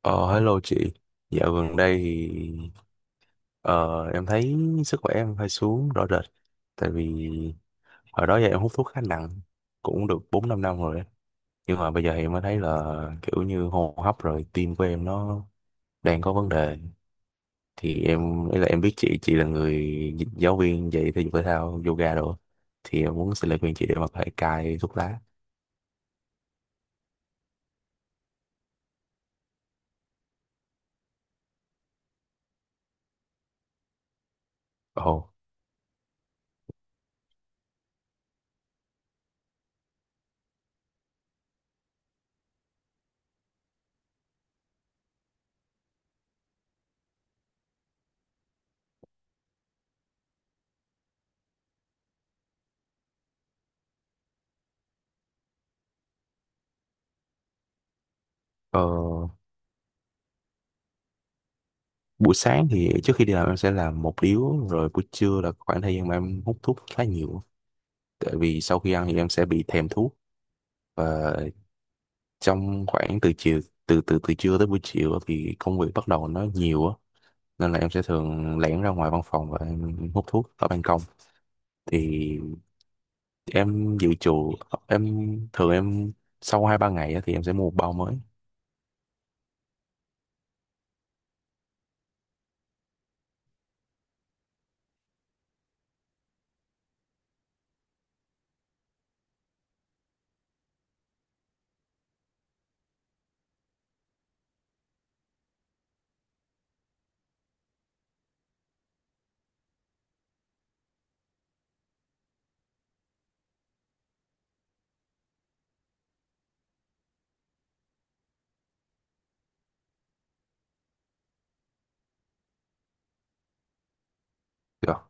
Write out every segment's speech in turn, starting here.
Ờ, Hello chị. Dạo gần đây thì em thấy sức khỏe em hơi xuống rõ rệt. Tại vì hồi đó giờ em hút thuốc khá nặng, cũng được bốn năm năm rồi á. Nhưng mà bây giờ thì em mới thấy là kiểu như hô hấp rồi tim của em nó đang có vấn đề. Thì em, ý là em biết chị là người giáo viên dạy thể dục thể thao, yoga đồ. Thì em muốn xin lời khuyên chị để mà có thể cai thuốc lá. Ồ. ờ, Buổi sáng thì trước khi đi làm em sẽ làm một điếu, rồi buổi trưa là khoảng thời gian mà em hút thuốc khá nhiều, tại vì sau khi ăn thì em sẽ bị thèm thuốc. Và trong khoảng từ chiều từ từ từ trưa tới buổi chiều thì công việc bắt đầu nó nhiều á, nên là em sẽ thường lẻn ra ngoài văn phòng và em hút thuốc ở ban công. Thì em dự trù em thường em sau 2, 3 ngày á thì em sẽ mua một bao mới. Dạ.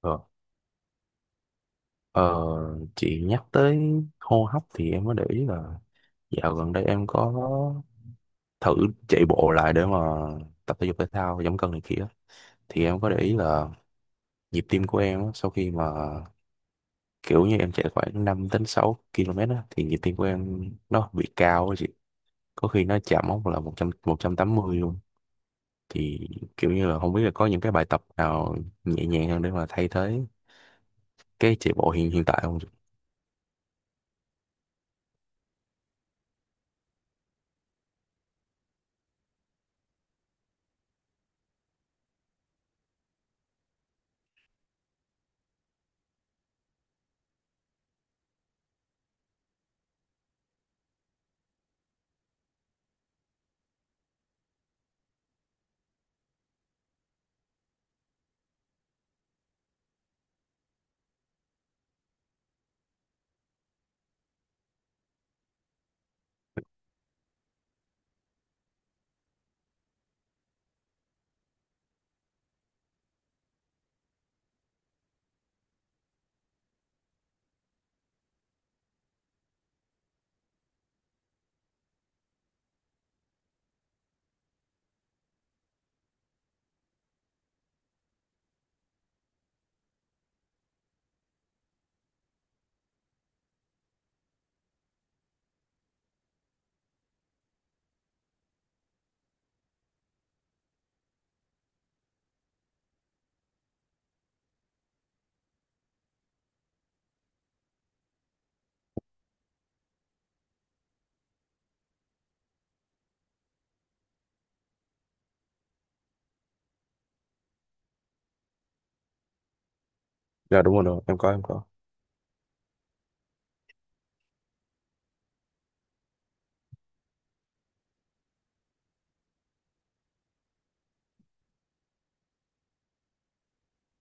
Ờ, Ờ, chị nhắc tới hô hấp thì em mới để ý là dạo gần đây em có thử chạy bộ lại để mà tập thể dục thể thao giảm cân này kia. Thì em có để ý là nhịp tim của em á, sau khi mà kiểu như em chạy khoảng năm đến 6 km á, thì nhịp tim của em nó bị cao á chị. Có khi nó chạm mốc là một một trăm tám mươi luôn. Thì kiểu như là không biết là có những cái bài tập nào nhẹ nhàng hơn để mà thay thế cái chạy bộ hiện hiện tại không chị? Dạ đúng rồi, đúng rồi. Em có, em có.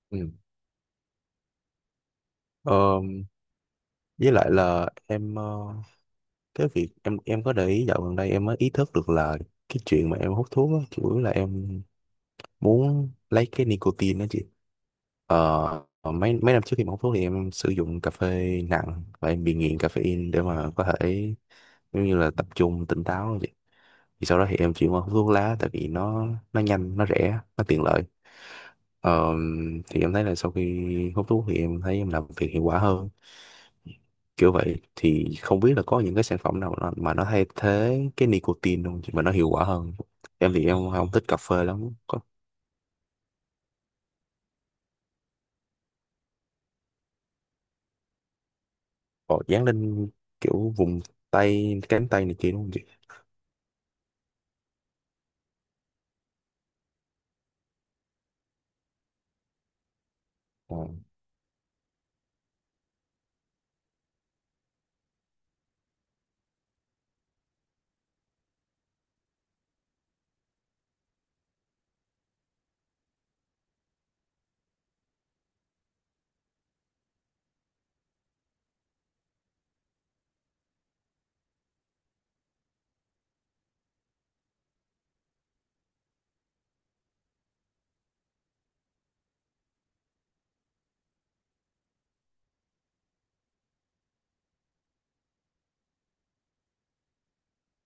Ừ. Ờ, với lại là em, cái việc em có để ý dạo gần đây em mới ý thức được là cái chuyện mà em hút thuốc á chủ yếu là em muốn lấy cái nicotine đó chị. ờ, mấy mấy năm trước khi mà hút thuốc thì em sử dụng cà phê nặng và em bị nghiện caffeine để mà có thể giống như là tập trung tỉnh táo á chị. Thì sau đó thì em chuyển qua hút thuốc lá tại vì nó nhanh, nó rẻ, nó tiện lợi. Ờ, thì em thấy là sau khi hút thuốc thì em thấy em làm việc hiệu quả hơn, kiểu vậy. Thì không biết là có những cái sản phẩm nào mà nó thay thế cái nicotine không, mà nó hiệu quả hơn. Em thì em không thích cà phê lắm. Có dán lên kiểu vùng cánh tay này kia đúng không chị? Ờ.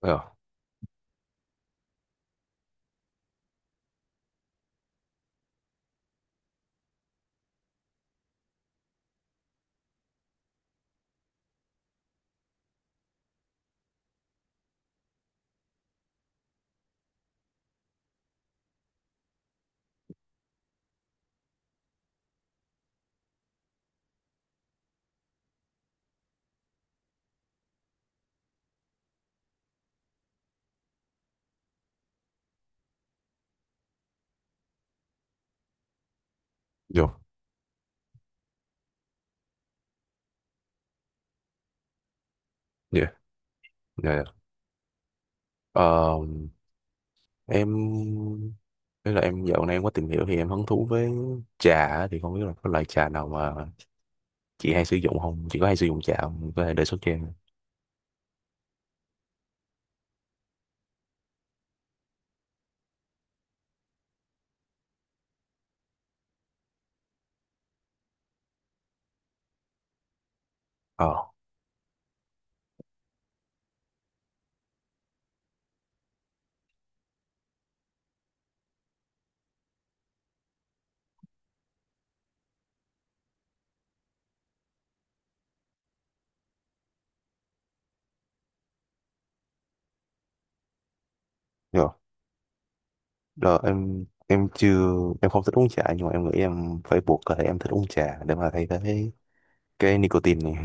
Ờ, Dù, dạ, dạ, dạ. Ờ, em Thế là em dạo này em có tìm hiểu thì em hứng thú với trà á. Thì không biết là có loại trà nào mà chị hay sử dụng không? Chị có hay sử dụng trà không? Có thể đề xuất cho em. Ờ. Dạ. Rồi em chưa em không thích uống trà, nhưng mà em nghĩ em phải buộc cơ thể em thích uống trà để mà thay thế cái nicotine này.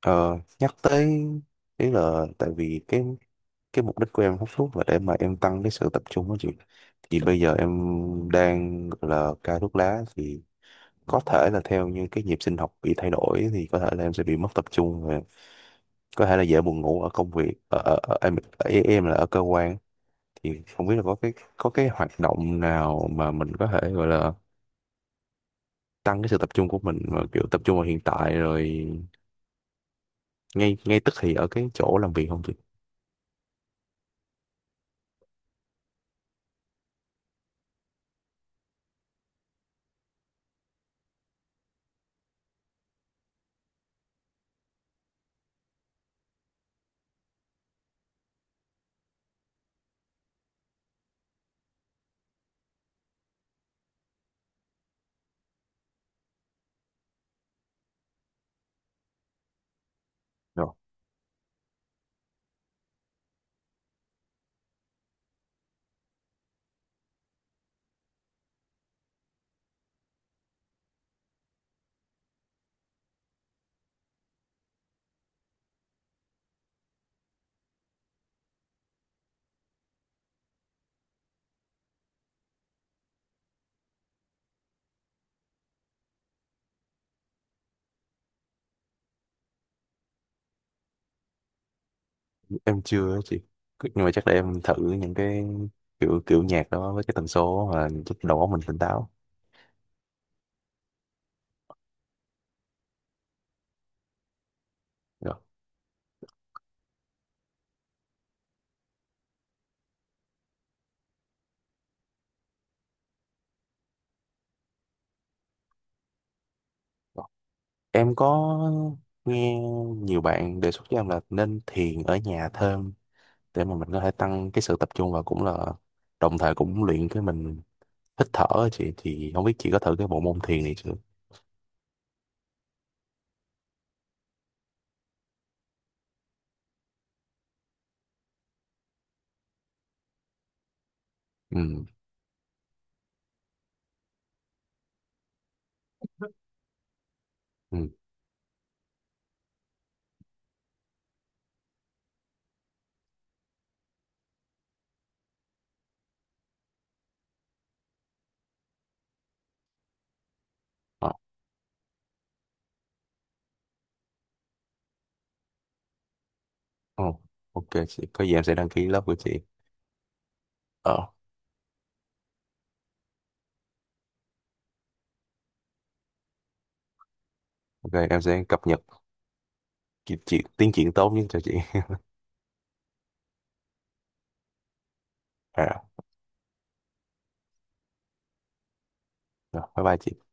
Ờ, nhắc tới ý là tại vì cái mục đích của em hút thuốc là để mà em tăng cái sự tập trung đó chị. Thì bây giờ em đang gọi là cai thuốc lá thì có thể là theo như cái nhịp sinh học bị thay đổi thì có thể là em sẽ bị mất tập trung và có thể là dễ buồn ngủ ở công việc, ở, ở, ở, em là ở cơ quan. Thì không biết là có cái hoạt động nào mà mình có thể gọi là tăng cái sự tập trung của mình mà kiểu tập trung vào hiện tại rồi ngay ngay tức thì ở cái chỗ làm việc không chị? Rồi, em chưa á chị. Nhưng mà chắc để em thử những cái kiểu kiểu nhạc đó với cái tần số mà giúp đầu óc mình tỉnh táo. Rồi. Rồi. Em có nghe nhiều bạn đề xuất cho em là nên thiền ở nhà thêm để mà mình có thể tăng cái sự tập trung và cũng là đồng thời cũng luyện cái mình hít thở á chị. Thì không biết chị có thử cái bộ môn thiền này chưa? Ừ, ừ. Ồ, ok chị, có gì em sẽ đăng ký lớp của chị. Ờ, ok, em sẽ cập nhật kịp chị tiến triển tốt nhất cho chị. À, rồi, bye bye chị.